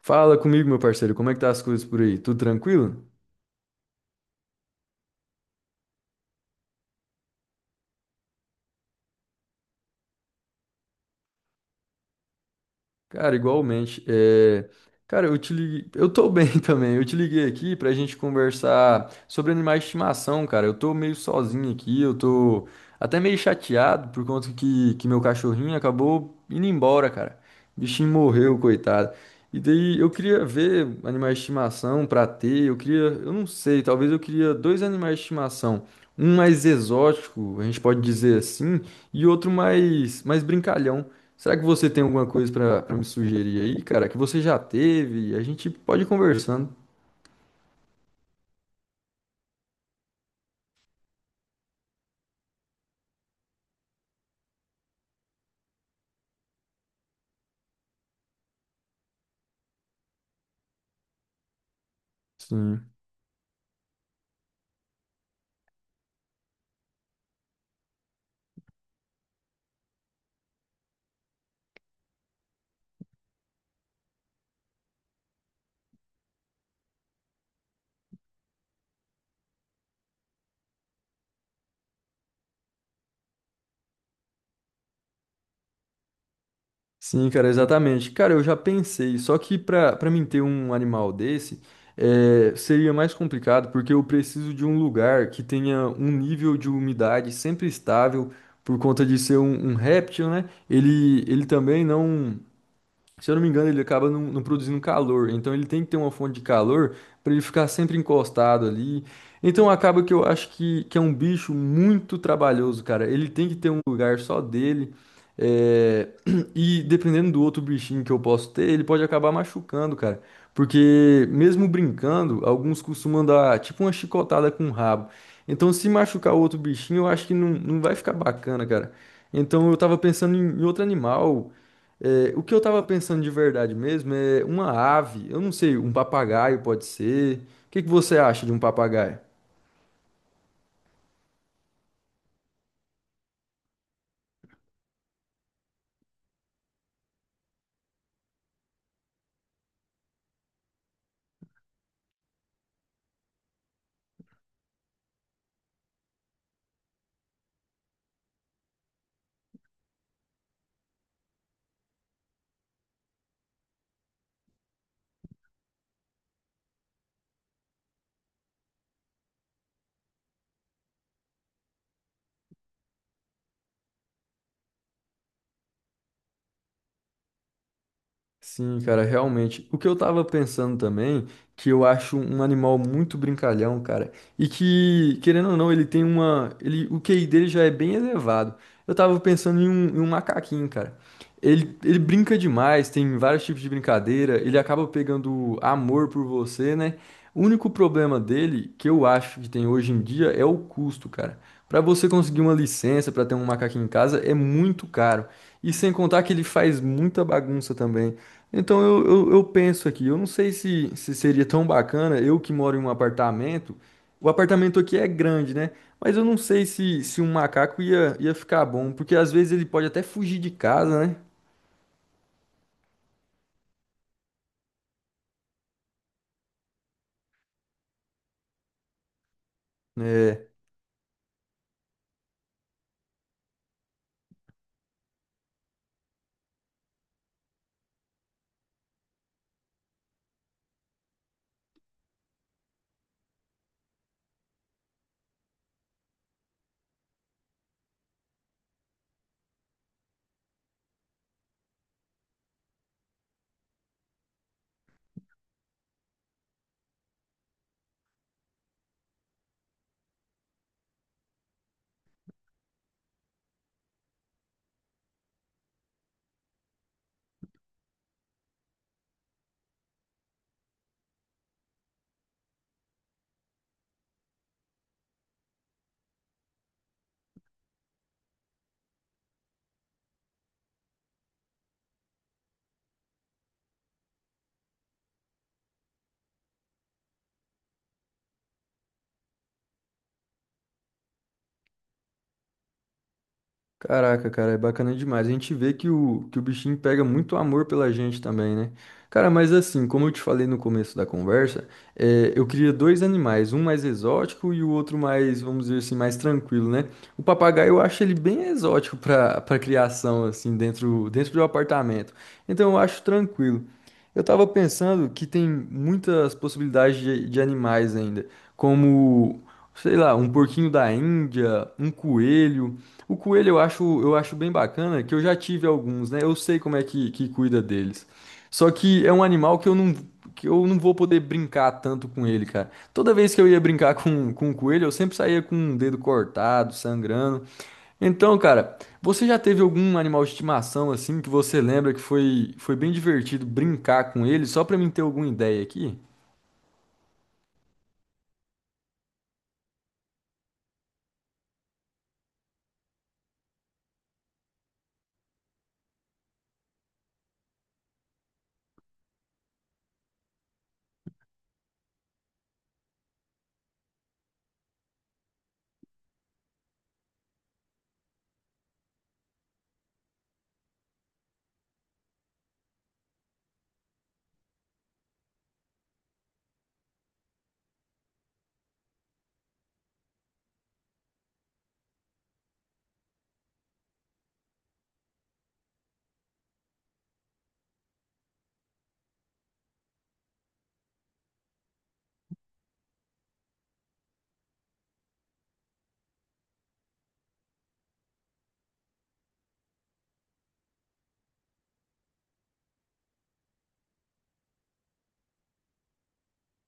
Fala comigo, meu parceiro, como é que tá as coisas por aí? Tudo tranquilo? Cara, igualmente. Cara, eu te liguei. Eu tô bem também. Eu te liguei aqui pra gente conversar sobre animais de estimação, cara. Eu tô meio sozinho aqui, eu tô. Até meio chateado por conta que meu cachorrinho acabou indo embora, cara. O bichinho morreu, coitado. E daí eu queria ver animais de estimação pra ter. Eu queria, eu não sei, talvez eu queria dois animais de estimação. Um mais exótico, a gente pode dizer assim, e outro mais, mais brincalhão. Será que você tem alguma coisa pra me sugerir aí, cara? Que você já teve? A gente pode ir conversando. Sim. Sim, cara, exatamente. Cara, eu já pensei, só que pra para mim ter um animal desse, seria mais complicado, porque eu preciso de um lugar que tenha um nível de umidade sempre estável, por conta de ser um réptil, né? Ele também não. Se eu não me engano, ele acaba não, não produzindo calor. Então ele tem que ter uma fonte de calor para ele ficar sempre encostado ali. Então acaba que eu acho que é um bicho muito trabalhoso, cara. Ele tem que ter um lugar só dele. é, E dependendo do outro bichinho que eu posso ter, ele pode acabar machucando, cara. Porque mesmo brincando, alguns costumam dar tipo uma chicotada com o rabo. Então se machucar o outro bichinho, eu acho que não, não vai ficar bacana, cara. Então eu tava pensando em outro animal, o que eu tava pensando de verdade mesmo é uma ave, eu não sei, um papagaio pode ser. O que que você acha de um papagaio? Sim, cara, realmente. O que eu tava pensando também, que eu acho um animal muito brincalhão, cara, e que, querendo ou não, ele tem uma, ele, o QI dele já é bem elevado. Eu tava pensando em um macaquinho, cara. Ele brinca demais, tem vários tipos de brincadeira, ele acaba pegando amor por você, né? O único problema dele, que eu acho que tem hoje em dia, é o custo, cara. Pra você conseguir uma licença pra ter um macaquinho em casa é muito caro. E sem contar que ele faz muita bagunça também. Então eu penso aqui, eu não sei se, se seria tão bacana, eu que moro em um apartamento, o apartamento aqui é grande, né? Mas eu não sei se, se um macaco ia ficar bom, porque às vezes ele pode até fugir de casa, né? É, Caraca, cara, é bacana demais. A gente vê que o bichinho pega muito amor pela gente também, né? Cara, mas assim, como eu te falei no começo da conversa, eu queria dois animais, um mais exótico e o outro mais, vamos dizer assim, mais tranquilo, né? O papagaio eu acho ele bem exótico para criação, assim, dentro do apartamento. Então eu acho tranquilo. Eu tava pensando que tem muitas possibilidades de animais ainda, como, sei lá, um porquinho da Índia, um coelho. O coelho eu acho bem bacana, que eu já tive alguns, né? Eu sei como é que cuida deles. Só que é um animal que eu não vou poder brincar tanto com ele, cara. Toda vez que eu ia brincar com o coelho, eu sempre saía com um dedo cortado, sangrando. Então, cara, você já teve algum animal de estimação assim que você lembra que foi bem divertido brincar com ele? Só pra mim ter alguma ideia aqui?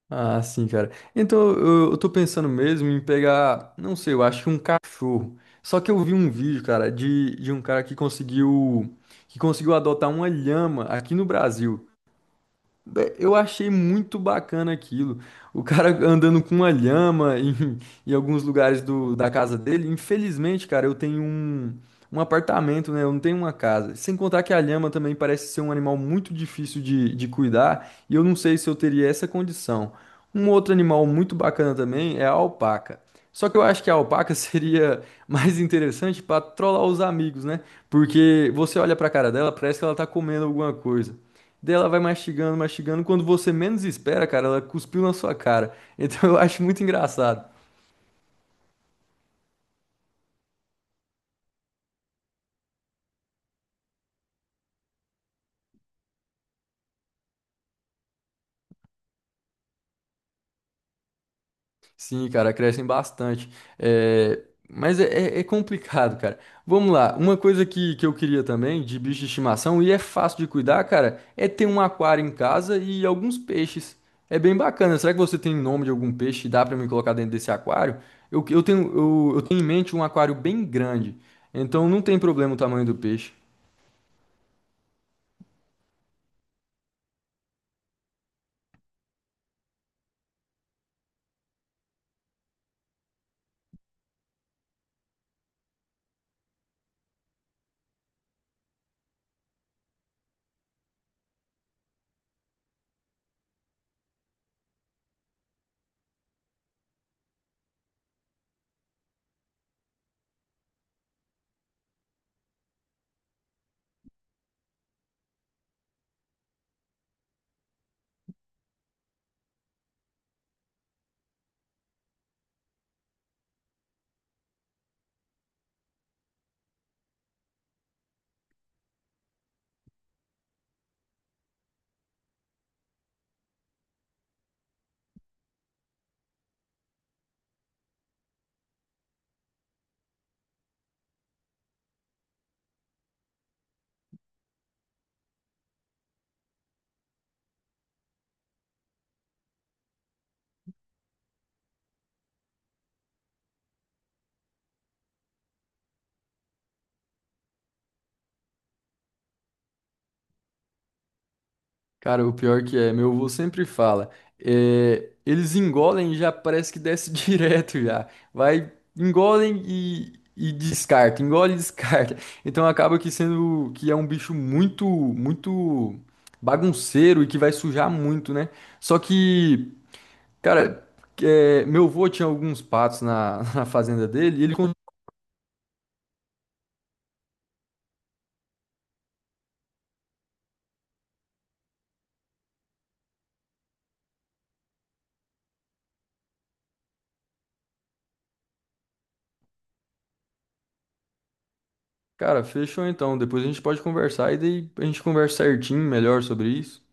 Ah, sim, cara. Então, eu tô pensando mesmo em pegar, não sei, eu acho que um cachorro. Só que eu vi um vídeo, cara, de um cara que conseguiu adotar uma lhama aqui no Brasil. Eu achei muito bacana aquilo. O cara andando com uma lhama em alguns lugares da casa dele. Infelizmente, cara, eu tenho um apartamento, né? Eu não tenho uma casa. Sem contar que a lhama também parece ser um animal muito difícil de cuidar. E eu não sei se eu teria essa condição. Um outro animal muito bacana também é a alpaca. Só que eu acho que a alpaca seria mais interessante para trollar os amigos, né? Porque você olha pra cara dela, parece que ela tá comendo alguma coisa. Daí ela vai mastigando, mastigando. Quando você menos espera, cara, ela cuspiu na sua cara. Então eu acho muito engraçado. Sim, cara, crescem bastante. É, Mas é complicado, cara. Vamos lá. Uma coisa que eu queria também de bicho de estimação, e é fácil de cuidar, cara, é ter um aquário em casa e alguns peixes. É bem bacana. Será que você tem nome de algum peixe e dá pra me colocar dentro desse aquário? Eu tenho em mente um aquário bem grande. Então não tem problema o tamanho do peixe. Cara, o pior que é, meu avô sempre fala, eles engolem e já parece que desce direto já. Vai, engolem e descarta, engole e descarta. Então acaba que sendo que é um bicho muito bagunceiro e que vai sujar muito, né? Só que, cara, meu avô tinha alguns patos na, na fazenda dele e ele, con- cara, fechou então, depois a gente pode conversar e daí a gente conversa certinho melhor sobre isso.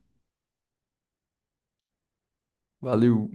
Valeu.